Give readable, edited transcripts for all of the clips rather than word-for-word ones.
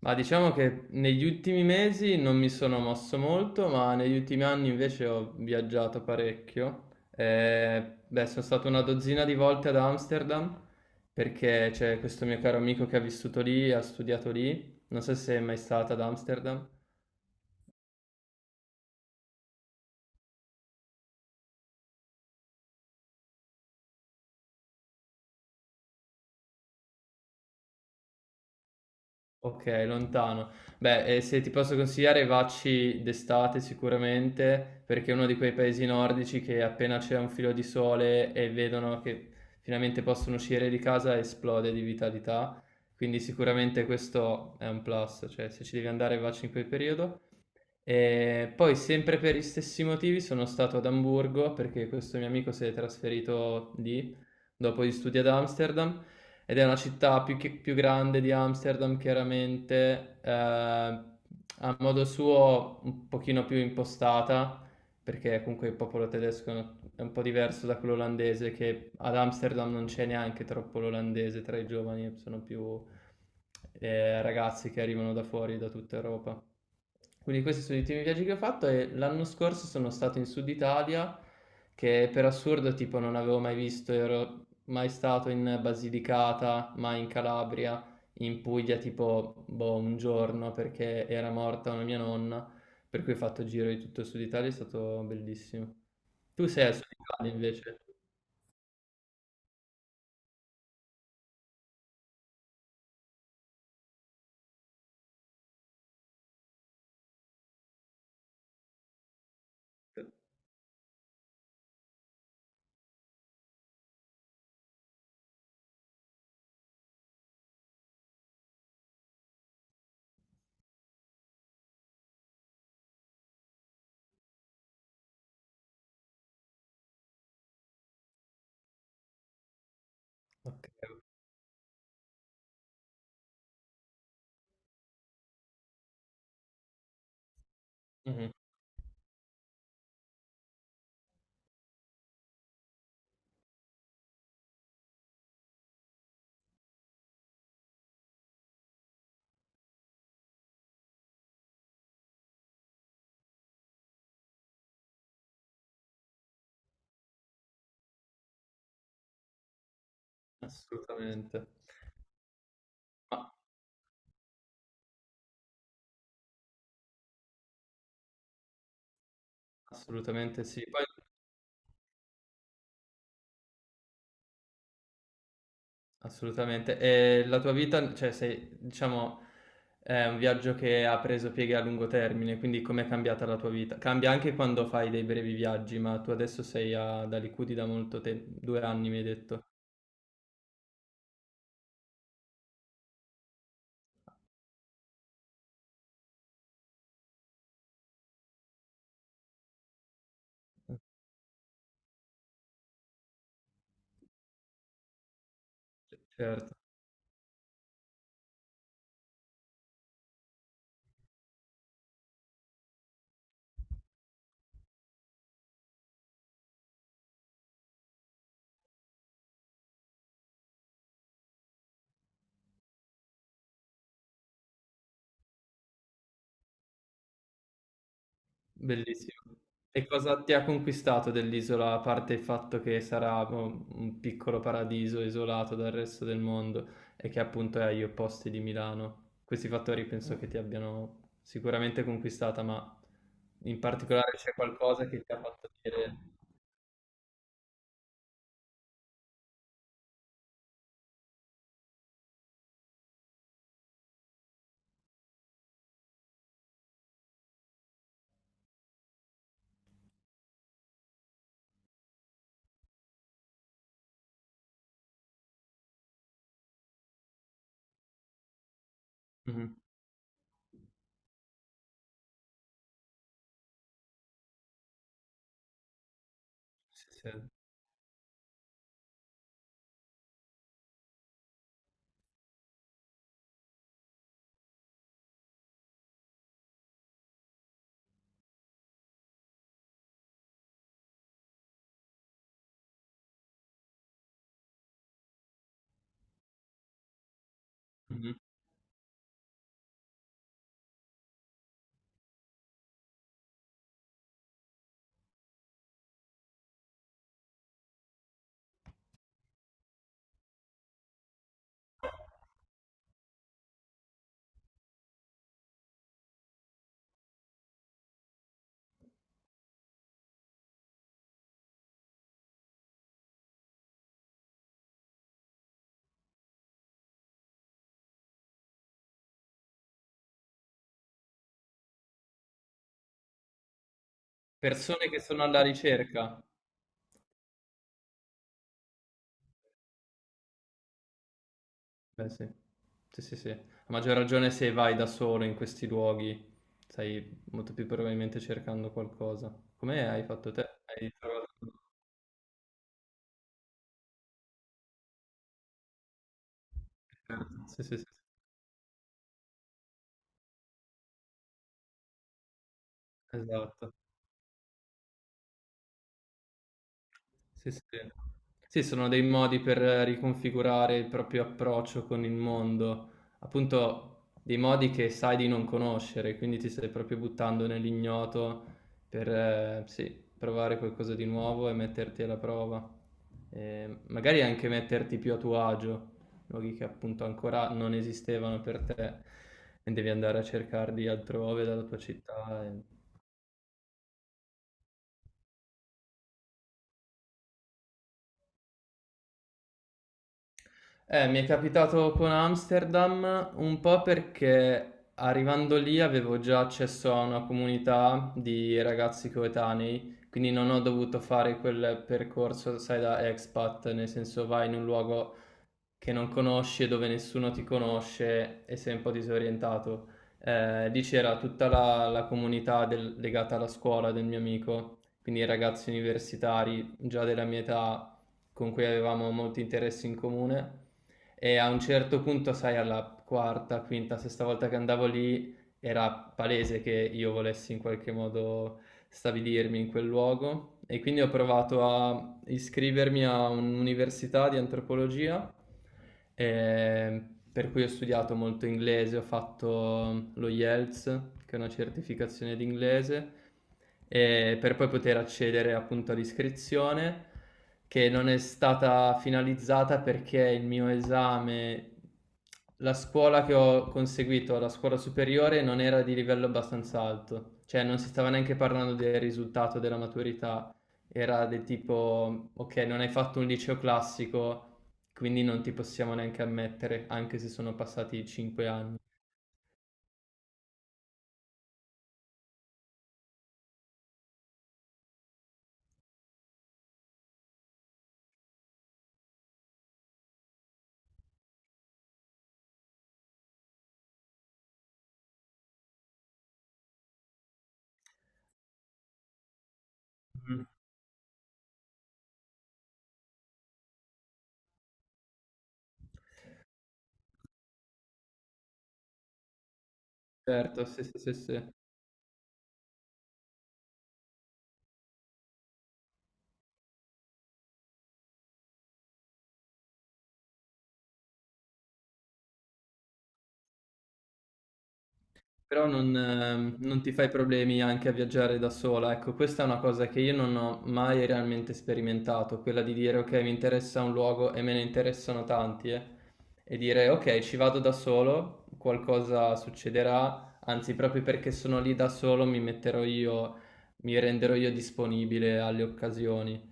Ma diciamo che negli ultimi mesi non mi sono mosso molto, ma negli ultimi anni invece ho viaggiato parecchio. Beh, sono stato una dozzina di volte ad Amsterdam perché c'è questo mio caro amico che ha vissuto lì, ha studiato lì. Non so se sei mai stata ad Amsterdam. Okay, lontano. Beh, se ti posso consigliare vacci d'estate sicuramente, perché è uno di quei paesi nordici che appena c'è un filo di sole e vedono che finalmente possono uscire di casa esplode di vitalità, quindi sicuramente questo è un plus, cioè se ci devi andare vacci in quel periodo. E poi sempre per gli stessi motivi sono stato ad Amburgo perché questo mio amico si è trasferito lì dopo gli studi ad Amsterdam ed è una città più, più grande di Amsterdam chiaramente, a modo suo un pochino più impostata perché comunque il popolo tedesco è un po' diverso da quello olandese, che ad Amsterdam non c'è neanche troppo l'olandese tra i giovani, sono più ragazzi che arrivano da fuori, da tutta Europa. Quindi questi sono gli ultimi viaggi che ho fatto e l'anno scorso sono stato in Sud Italia, che per assurdo tipo non avevo mai visto, ero mai stato in Basilicata, mai in Calabria, in Puglia tipo boh, un giorno perché era morta una mia nonna, per cui ho fatto giro di tutto il Sud Italia, è stato bellissimo. Tu sei al Sud Italia invece? Ok. Mhm, assolutamente. Ma assolutamente sì. Poi assolutamente. E la tua vita, cioè sei, diciamo, è un viaggio che ha preso pieghe a lungo termine, quindi com'è cambiata la tua vita? Cambia anche quando fai dei brevi viaggi, ma tu adesso sei ad Alicudi da molto tempo, due anni mi hai detto. Certo. Bellissimo. E cosa ti ha conquistato dell'isola, a parte il fatto che sarà boh, un piccolo paradiso isolato dal resto del mondo e che appunto è agli opposti di Milano? Questi fattori penso che ti abbiano sicuramente conquistata, ma in particolare c'è qualcosa che ti ha fatto dire... Mhm, sì, sì, mhm. Persone che sono alla ricerca. Beh, sì. Sì, sì, sì. A maggior ragione se vai da solo in questi luoghi, stai molto più probabilmente cercando qualcosa. Come hai fatto te? Hai trovato... Sì, sì, sì, sì, esatto. Sì, sì. Sì, sono dei modi per riconfigurare il proprio approccio con il mondo, appunto dei modi che sai di non conoscere, quindi ti stai proprio buttando nell'ignoto per sì, provare qualcosa di nuovo e metterti alla prova. Magari anche metterti più a tuo agio, luoghi che appunto ancora non esistevano per te e devi andare a cercarli altrove dalla tua città. E- mi è capitato con Amsterdam un po' perché arrivando lì avevo già accesso a una comunità di ragazzi coetanei, quindi non ho dovuto fare quel percorso, sai, da expat, nel senso vai in un luogo che non conosci e dove nessuno ti conosce e sei un po' disorientato. Lì c'era tutta la comunità del- legata alla scuola del mio amico, quindi i ragazzi universitari già della mia età con cui avevamo molti interessi in comune e a un certo punto, sai, alla quarta, quinta, sesta volta che andavo lì era palese che io volessi in qualche modo stabilirmi in quel luogo e quindi ho provato a iscrivermi a un'università di antropologia, eh, per cui ho studiato molto inglese, ho fatto lo IELTS, che è una certificazione di inglese, per poi poter accedere appunto all'iscrizione, che non è stata finalizzata perché il mio esame, la scuola che ho conseguito alla scuola superiore non era di livello abbastanza alto, cioè non si stava neanche parlando del risultato della maturità, era del tipo, ok, non hai fatto un liceo classico, quindi non ti possiamo neanche ammettere, anche se sono passati cinque anni. Mm. Certo, sì, sì, sì, sì. Però non, non ti fai problemi anche a viaggiare da sola, ecco, questa è una cosa che io non ho mai realmente sperimentato, quella di dire ok, mi interessa un luogo e me ne interessano tanti, e dire ok, ci vado da solo, qualcosa succederà, anzi proprio perché sono lì da solo mi metterò io, mi renderò io disponibile alle occasioni.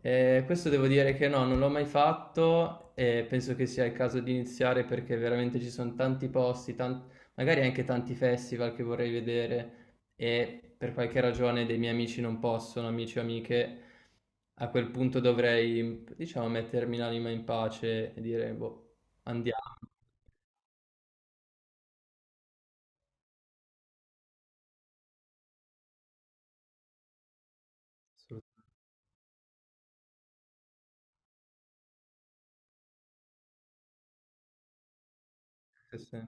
Questo devo dire che no, non l'ho mai fatto e penso che sia il caso di iniziare perché veramente ci sono tanti posti, tan- magari anche tanti festival che vorrei vedere e per qualche ragione dei miei amici non possono, amici o amiche, a quel punto dovrei, diciamo, mettermi l'anima in pace e dire, boh, andiamo. Assolutamente sì.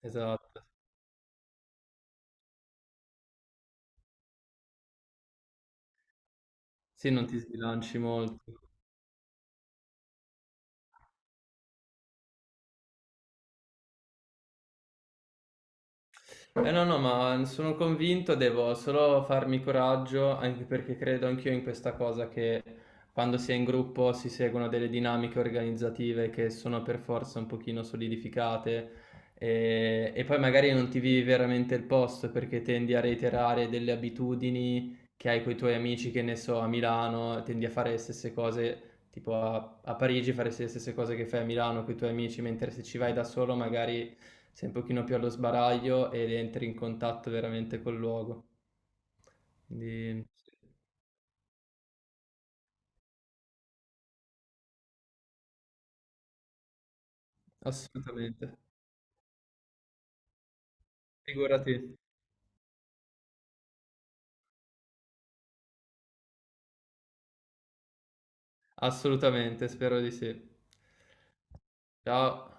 Esatto. Sì, non ti sbilanci molto. Eh no, no, ma sono convinto, devo solo farmi coraggio, anche perché credo anch'io in questa cosa che quando si è in gruppo si seguono delle dinamiche organizzative che sono per forza un pochino solidificate e poi magari non ti vivi veramente il posto perché tendi a reiterare delle abitudini che hai con i tuoi amici, che ne so, a Milano, tendi a fare le stesse cose tipo a Parigi faresti le stesse cose che fai a Milano con i tuoi amici, mentre se ci vai da solo magari sei un pochino più allo sbaraglio ed entri in contatto veramente col luogo. Quindi assolutamente, figurati, assolutamente, spero di sì. Ciao.